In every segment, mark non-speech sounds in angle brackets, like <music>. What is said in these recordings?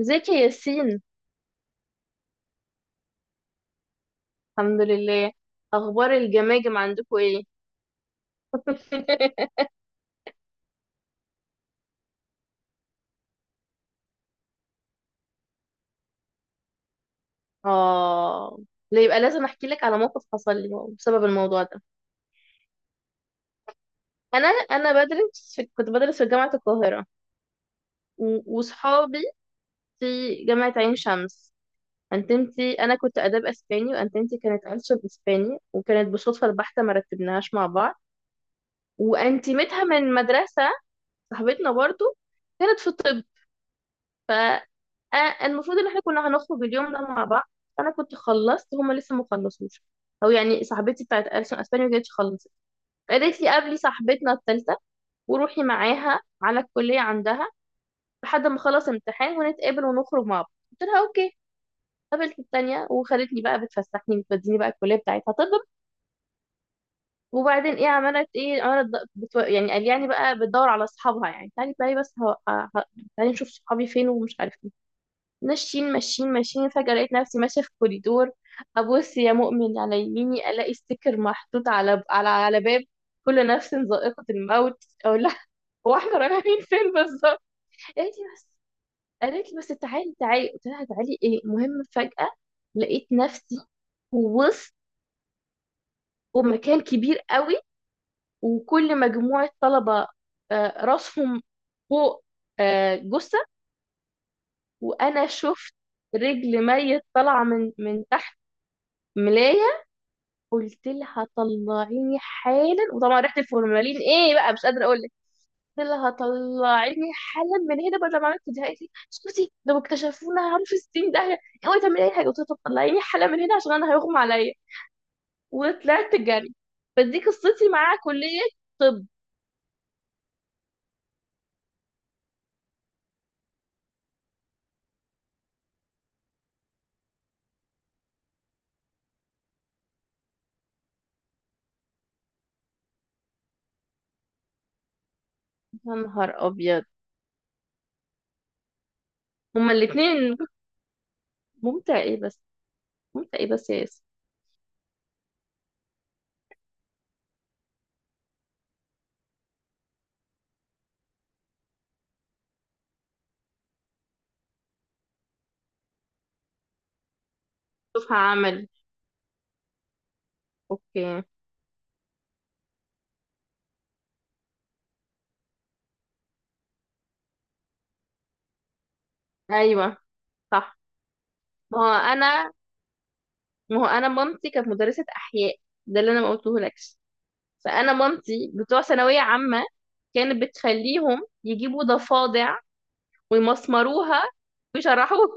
ازيك يا ياسين؟ الحمد لله. اخبار الجماجم عندكم ايه؟ <laughs> اه، لا يبقى لازم احكي لك على موقف حصل لي بسبب الموضوع ده. انا بدرس في كنت بدرس في جامعه القاهره، وصحابي في جامعه عين شمس. انتمتي انا كنت اداب اسباني وانتمتي كانت انشب اسباني، وكانت بالصدفه البحته ما رتبناهاش مع بعض. وانتمتها من مدرسه صاحبتنا برضو كانت في الطب. فالمفروض ان احنا كنا هنخرج اليوم ده مع بعض. انا كنت خلصت، هما لسه ما خلصوش. او يعني صاحبتي بتاعت ألسن اسبانيا ما كانتش خلصت. قالت لي قابلي صاحبتنا الثالثه وروحي معاها على الكليه عندها لحد ما خلص امتحان ونتقابل ونخرج مع بعض. قلت لها اوكي. قابلت التانية وخدتني بقى بتفسحني بتوديني بقى الكلية بتاعتها طب. وبعدين ايه؟ عملت ايه؟ يعني قال يعني بقى بتدور على اصحابها يعني، تعالي بقى، بس تعالي نشوف صحابي فين ومش عارف إيه. ماشيين ماشيين ماشيين، فجأة لقيت نفسي ماشية في كوريدور. أبص يا مؤمن على يميني، ألاقي ستيكر محطوط على باب، كل نفس ذائقة الموت. أقول لها هو احنا رايحين فين بالظبط؟ قالت لي بس قالت لي بس تعالي تعالي. قلت لها تعالي ايه؟ المهم فجأة لقيت نفسي ووسط، ومكان كبير قوي، وكل مجموعة طلبة راسهم فوق، جثة، وأنا شفت رجل ميت طالعة من تحت ملاية. قلت لها طلعيني حالا، وطبعا ريحه الفورمالين ايه بقى مش قادره اقول لك. قلت لها طلعيني حالا من هنا، بدل ما عملت دي. قالت لي اسكتي، لو اكتشفونا هنروح في 60 داهيه، اوعي تعملي اي حاجه. قلت لها طب طلعيني حالا من هنا عشان انا هيغمى عليا. وطلعت جري. فدي قصتي مع كليه طب. يا نهار ابيض. هما الاثنين. ممتع ايه بس؟ ممتع ايه بس يا ياسر؟ شوفها عمل. اوكي. ايوه. صح. ما هو انا ما هو انا مامتي كانت مدرسه احياء، ده اللي انا ما قلتهولكش. فانا مامتي بتوع ثانويه عامه، كانت بتخليهم يجيبوا ضفادع ويمسمروها ويشرحوها.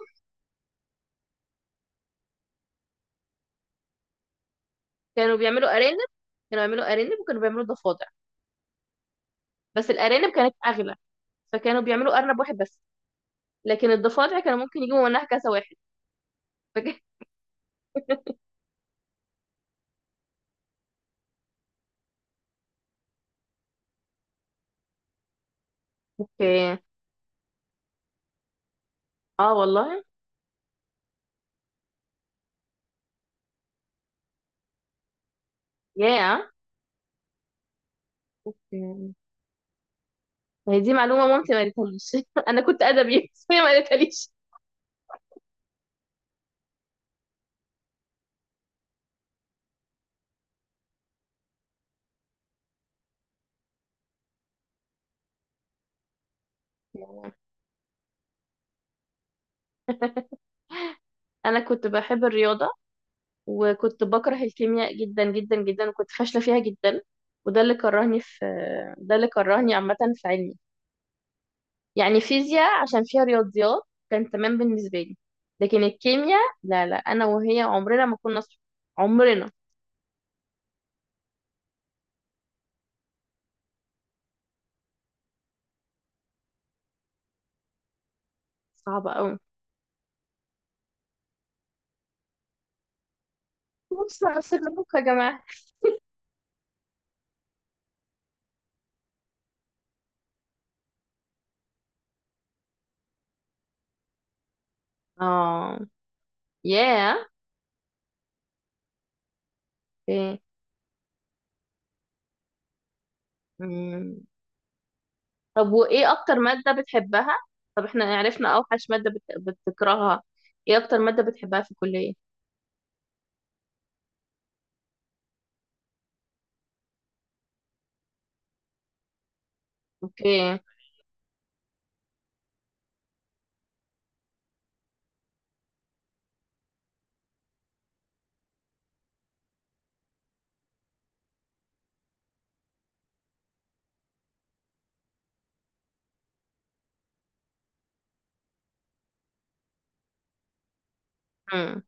كانوا بيعملوا ارانب كانوا بيعملوا ارانب وكانوا بيعملوا ضفادع، بس الارانب كانت اغلى، فكانوا بيعملوا ارنب واحد بس، لكن الضفادع كانوا ممكن يجيبوا منها كذا واحد. فكان اوكي. <laughs> اه والله. يا هي دي معلومه مامتي ما قالتهاليش. <laughs> انا كنت ادبي بس هي ما قالتهاليش. انا كنت بحب الرياضه، وكنت بكره الكيمياء جدا جدا جدا، وكنت فاشلة فيها جدا. وده اللي كرهني في آه، ده اللي كرهني عامة في علمي. يعني فيزياء عشان فيها رياضيات كان تمام بالنسبة لي، لكن الكيمياء، لا لا، أنا وهي عمرنا ما كنا صحاب. عمرنا. صعبة أوي. بص على سيراميك يا جماعة. اه. ياه. اوكي. مم. طب وإيه أكتر مادة بتحبها؟ طب احنا عرفنا أوحش مادة بتكرهها، إيه أكتر مادة بتحبها في الكلية؟ أوكي. مم.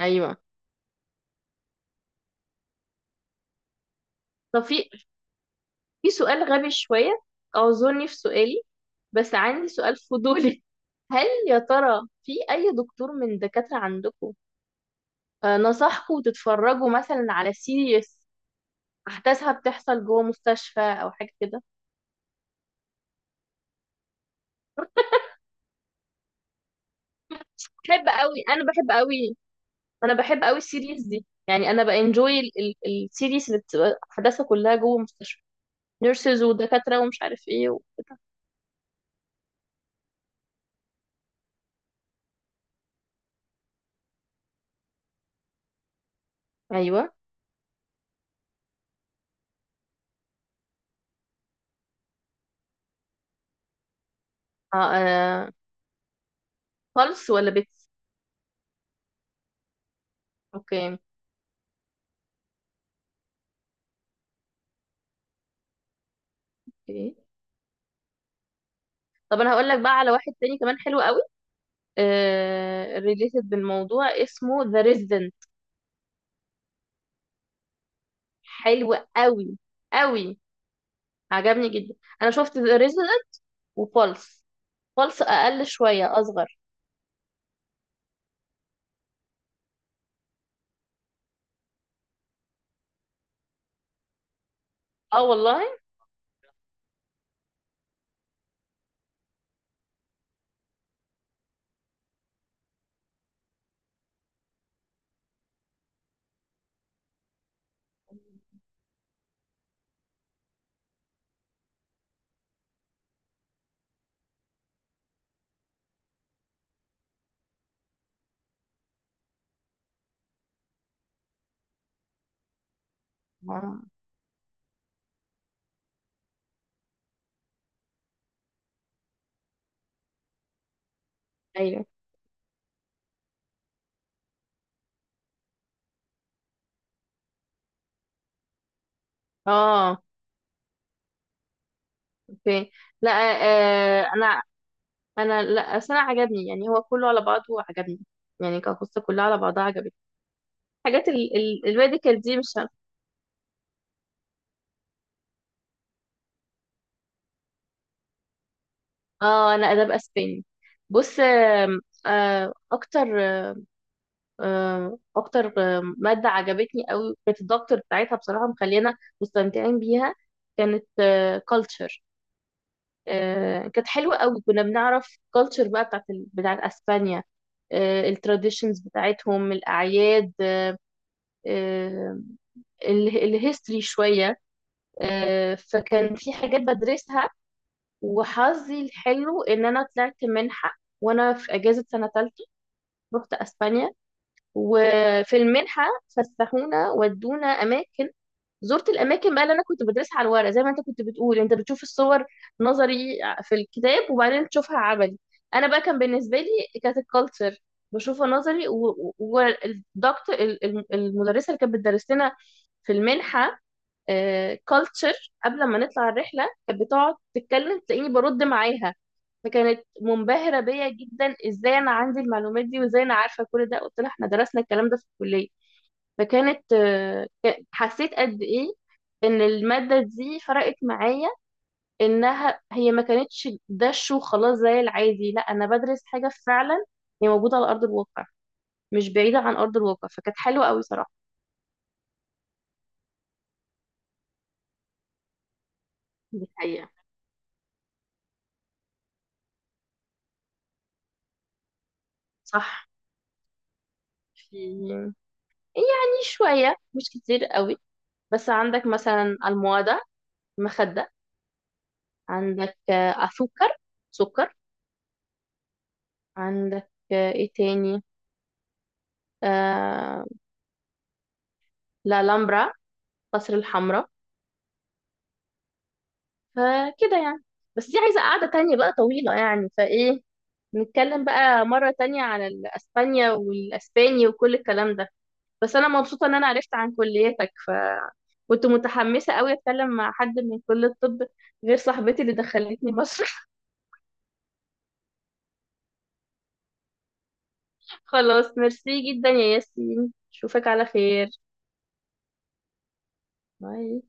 أيوه. طب في سؤال غبي شوية، أعذرني في سؤالي، بس عندي سؤال فضولي. <laughs> هل يا ترى في أي دكتور من الدكاترة عندكم نصحكم تتفرجوا مثلا على سيريس أحداثها بتحصل جوه مستشفى أو حاجة كده؟ بحب أوي. أنا بحب أوي أنا بحب أوي السيريس دي، يعني أنا بانجوي السيريس اللي بتبقى أحداثها كلها جوه مستشفى، نيرسز ودكاترة ومش عارف إيه وكده. أيوه. آه آه، خالص ولا بيتس. أوكي. طب انا هقول لك بقى على واحد تاني كمان حلو قوي، ريليتد بالموضوع، اسمه ذا ريزيدنت. حلو قوي قوي، عجبني جدا. انا شفت ذا ريزيدنت وفولس. فولس اقل شويه اصغر. اه والله. آه. ايوه. اه. اوكي. لا. آه انا انا لا، بس انا عجبني يعني، هو كله على بعضه عجبني يعني، كقصه كلها على بعضها عجبتني. حاجات ال الميديكال دي مش. اه انا اداب اسباني. بص، آه اكتر اكتر ماده عجبتني قوي، كانت الدكتور بتاعتها بصراحه مخلينا مستمتعين بيها. كانت كلتشر، كانت حلوه قوي. كنا بنعرف كلتشر بقى بتاعت بتاعت اسبانيا، التراديشنز بتاعتهم، الاعياد، آه، الهيستوري شويه. فكان في حاجات بدرسها. وحظي الحلو ان انا طلعت منحه وانا في اجازه سنه ثالثه، رحت اسبانيا. وفي المنحه فسحونا ودونا اماكن، زرت الاماكن بقى اللي انا كنت بدرسها على الورق. زي ما انت كنت بتقول، انت بتشوف الصور نظري في الكتاب وبعدين تشوفها عملي. انا بقى كان بالنسبه لي كانت الكالتشر بشوفها نظري. والدكتور، المدرسه اللي كانت بتدرس لنا في المنحه كالتشر، قبل ما نطلع الرحله كانت بتقعد تتكلم تلاقيني برد معاها، فكانت منبهره بيا جدا ازاي انا عندي المعلومات دي وازاي انا عارفه كل ده. قلت لها احنا درسنا الكلام ده في الكليه. حسيت قد ايه ان المادة دي فرقت معايا، انها هي ما كانتش دش وخلاص زي العادي، لا انا بدرس حاجة فعلا هي موجودة على ارض الواقع، مش بعيدة عن ارض الواقع. فكانت حلوة قوي صراحة. دي حقيقة. صح. في يعني شوية مش كتير قوي. بس عندك مثلا الموادة، مخدة. عندك أسكر، سكر. عندك إيه تاني؟ آه... لا لامبرا، قصر الحمراء. فكده يعني. بس دي عايزة قعدة تانية بقى طويلة يعني، فايه نتكلم بقى مرة تانية عن الأسبانيا والأسباني وكل الكلام ده. بس أنا مبسوطة إن أنا عرفت عن كليتك، فكنت متحمسة أوي أتكلم مع حد من كلية الطب غير صاحبتي اللي دخلتني مصر. <laughs> خلاص، ميرسي جدا يا ياسين، أشوفك على خير. باي